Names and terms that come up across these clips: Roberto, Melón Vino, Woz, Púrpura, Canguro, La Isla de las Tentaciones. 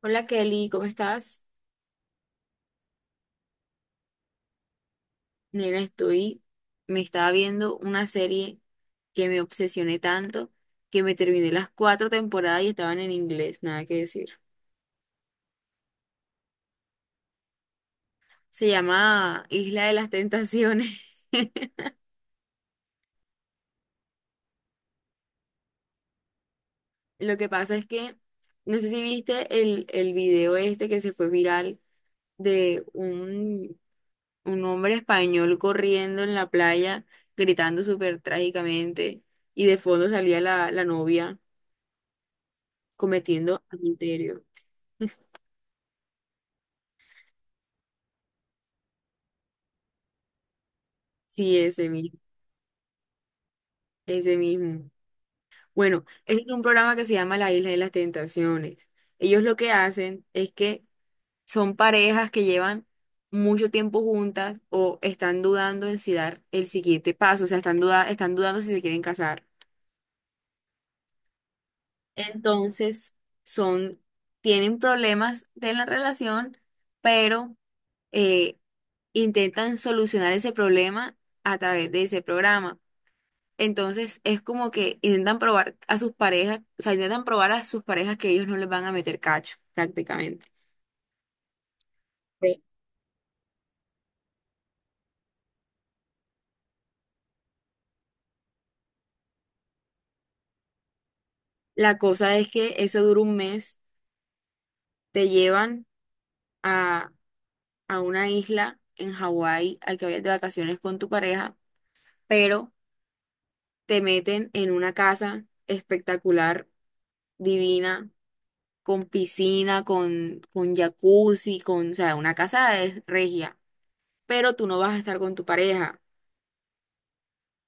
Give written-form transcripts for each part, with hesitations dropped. Hola Kelly, ¿cómo estás? Nena, estoy, me estaba viendo una serie que me obsesioné tanto que me terminé las cuatro temporadas y estaban en inglés, nada que decir. Se llama Isla de las Tentaciones. Lo que pasa es que, no sé si viste el video este que se fue viral de un hombre español corriendo en la playa, gritando súper trágicamente, y de fondo salía la novia cometiendo adulterio. Sí, ese mismo, ese mismo. Bueno, ese es un programa que se llama La Isla de las Tentaciones. Ellos lo que hacen es que son parejas que llevan mucho tiempo juntas o están dudando en si dar el siguiente paso, o sea, están dudando si se quieren casar. Entonces, son, tienen problemas de la relación, pero eh, intentan solucionar ese problema a través de ese programa. Entonces es como que intentan probar a sus parejas, o sea, intentan probar a sus parejas que ellos no les van a meter cacho, prácticamente. Sí. La cosa es que eso dura un mes, te llevan a, a una isla en Hawái a que vayas de vacaciones con tu pareja, pero te meten en una casa espectacular, divina, con piscina, con jacuzzi, con, o sea, una casa de regia, pero tú no vas a estar con tu pareja.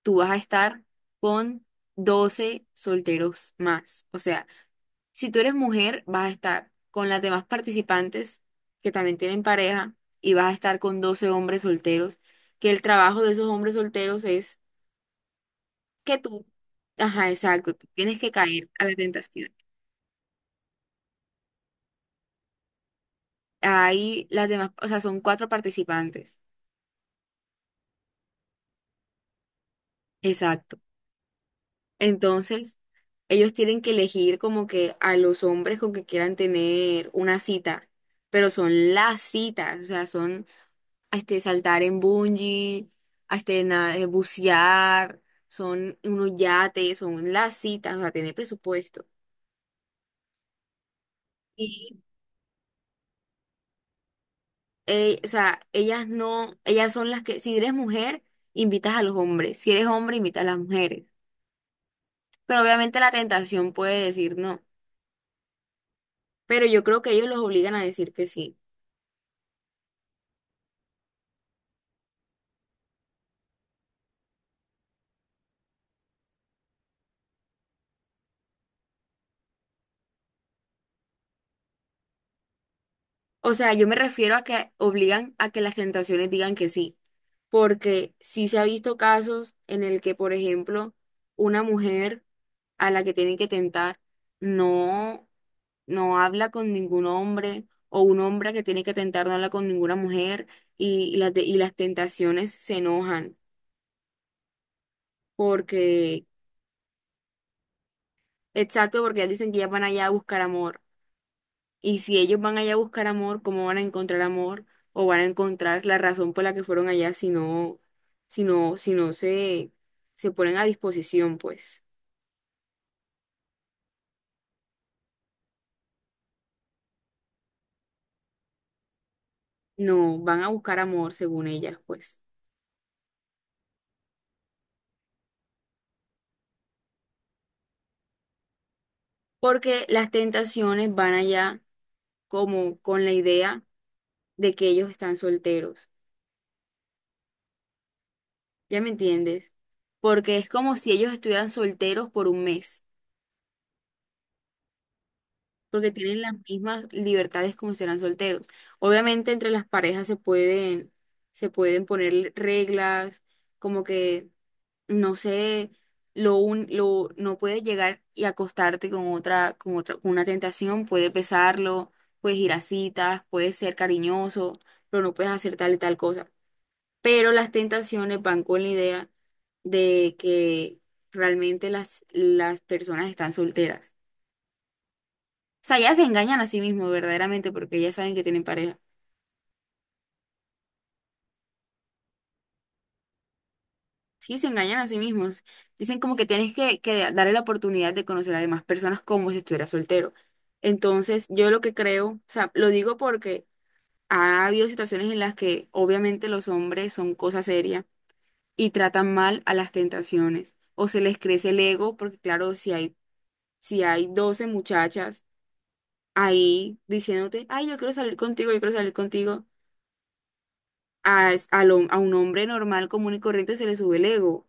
Tú vas a estar con 12 solteros más. O sea, si tú eres mujer, vas a estar con las demás participantes que también tienen pareja y vas a estar con 12 hombres solteros, que el trabajo de esos hombres solteros es que tú, ajá, exacto, tú tienes que caer a la tentación. Ahí las demás, o sea, son cuatro participantes. Exacto. Entonces, ellos tienen que elegir como que a los hombres con que quieran tener una cita, pero son las citas, o sea, son este, saltar en bungee, bucear, son unos yates, son las citas, o sea, tener presupuesto. Y, o sea, ellas no, ellas son las que, si eres mujer, invitas a los hombres, si eres hombre, invitas a las mujeres. Pero obviamente la tentación puede decir no, pero yo creo que ellos los obligan a decir que sí. O sea, yo me refiero a que obligan a que las tentaciones digan que sí, porque sí se ha visto casos en el que, por ejemplo, una mujer a la que tienen que tentar no, no habla con ningún hombre o un hombre que tiene que tentar no habla con ninguna mujer y y las tentaciones se enojan porque, exacto, porque ellas dicen que ellas van allá a buscar amor. Y si ellos van allá a buscar amor, ¿cómo van a encontrar amor? ¿O van a encontrar la razón por la que fueron allá si no, si no, si no se, se ponen a disposición, pues? No, van a buscar amor según ellas, pues. Porque las tentaciones van allá como con la idea de que ellos están solteros. ¿Ya me entiendes? Porque es como si ellos estuvieran solteros por un mes. Porque tienen las mismas libertades como si eran solteros. Obviamente entre las parejas se pueden poner reglas, como que, no sé, no puedes llegar y acostarte con con una tentación, puedes besarlo, puedes ir a citas, puedes ser cariñoso, pero no puedes hacer tal y tal cosa. Pero las tentaciones van con la idea de que realmente las personas están solteras sea, ya se engañan a sí mismos verdaderamente porque ya saben que tienen pareja. Sí, se engañan a sí mismos. Dicen como que tienes que darle la oportunidad de conocer a demás personas como si estuviera soltero. Entonces, yo lo que creo, o sea, lo digo porque ha habido situaciones en las que obviamente los hombres son cosa seria y tratan mal a las tentaciones o se les crece el ego porque claro, si hay 12 muchachas ahí diciéndote, ay, yo quiero salir contigo, yo quiero salir contigo. A un hombre normal, común y corriente se le sube el ego.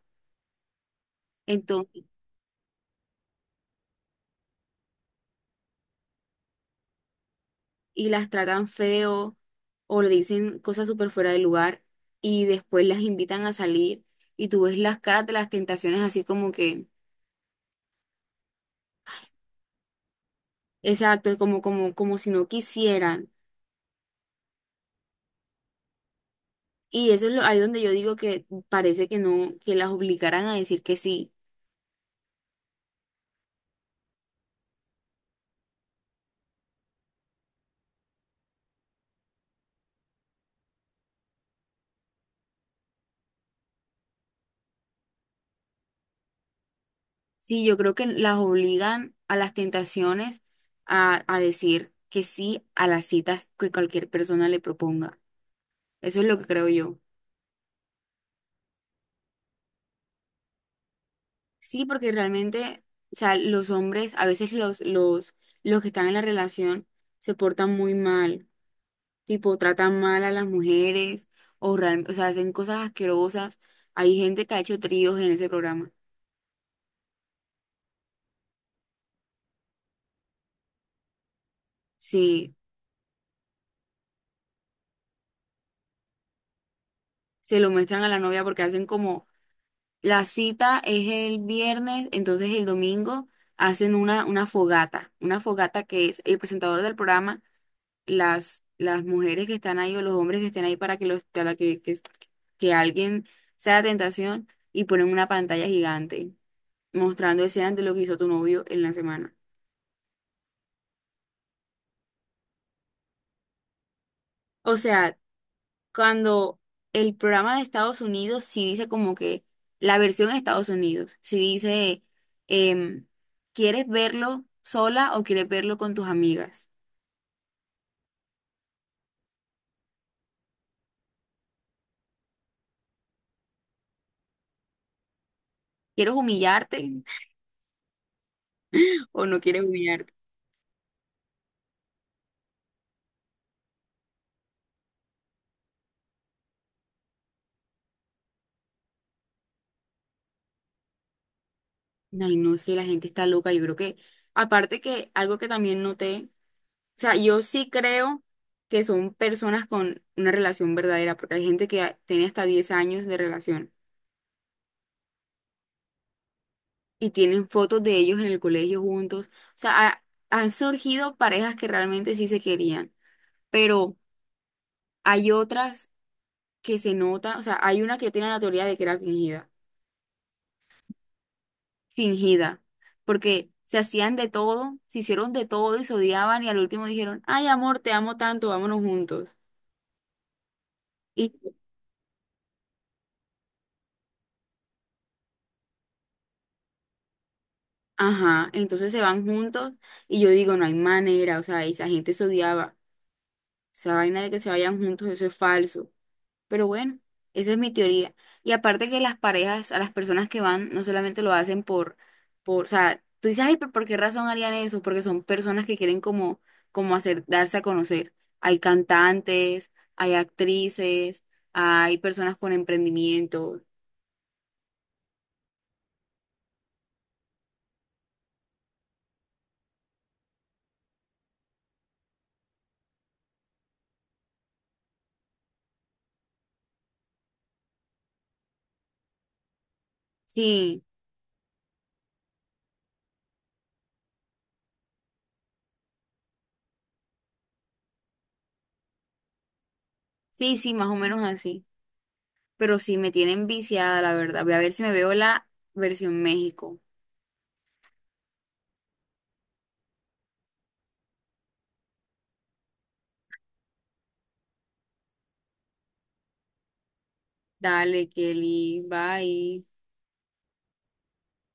Entonces, y las tratan feo o le dicen cosas súper fuera de lugar y después las invitan a salir y tú ves las caras de las tentaciones así como que, exacto, como si no quisieran. Y eso es lo, ahí donde yo digo que parece que no, que las obligaran a decir que sí. Sí, yo creo que las obligan a las tentaciones a decir que sí a las citas que cualquier persona le proponga. Eso es lo que creo yo. Sí, porque realmente, o sea, los hombres, a veces los que están en la relación se portan muy mal, tipo tratan mal a las mujeres o, real- o sea, hacen cosas asquerosas. Hay gente que ha hecho tríos en ese programa. Sí, se lo muestran a la novia porque hacen como la cita es el viernes, entonces el domingo hacen una fogata que es el presentador del programa las mujeres que están ahí o los hombres que estén ahí para que los, que alguien sea la tentación y ponen una pantalla gigante mostrando escenas de lo que hizo tu novio en la semana. O sea, cuando el programa de Estados Unidos sí dice como que la versión de Estados Unidos, sí dice, em, ¿quieres verlo sola o quieres verlo con tus amigas? ¿Quieres humillarte o no quieres humillarte? Ay, no, es que la gente está loca. Yo creo que, aparte que algo que también noté sea, yo sí creo que son personas con una relación verdadera, porque hay gente que tiene hasta 10 años de relación y tienen fotos de ellos en el colegio juntos. O sea, ha- han surgido parejas que realmente sí se querían, pero hay otras que se nota, o sea, hay una que tiene la teoría de que era fingida, fingida, porque se hacían de todo, se hicieron de todo y se odiaban y al último dijeron, ay amor, te amo tanto, vámonos juntos. Ajá, entonces se van juntos y yo digo, no hay manera, o sea, esa gente se odiaba, esa vaina de que se vayan juntos, eso es falso. Pero bueno, esa es mi teoría. Y aparte que las parejas, a las personas que van, no solamente lo hacen o sea, tú dices, ay, pero ¿por qué razón harían eso? Porque son personas que quieren como, como hacer, darse a conocer. Hay cantantes, hay actrices, hay personas con emprendimiento. Sí, sí, más o menos así. Pero sí me tienen viciada, la verdad. Voy a ver si me veo la versión México. Dale, Kelly, bye.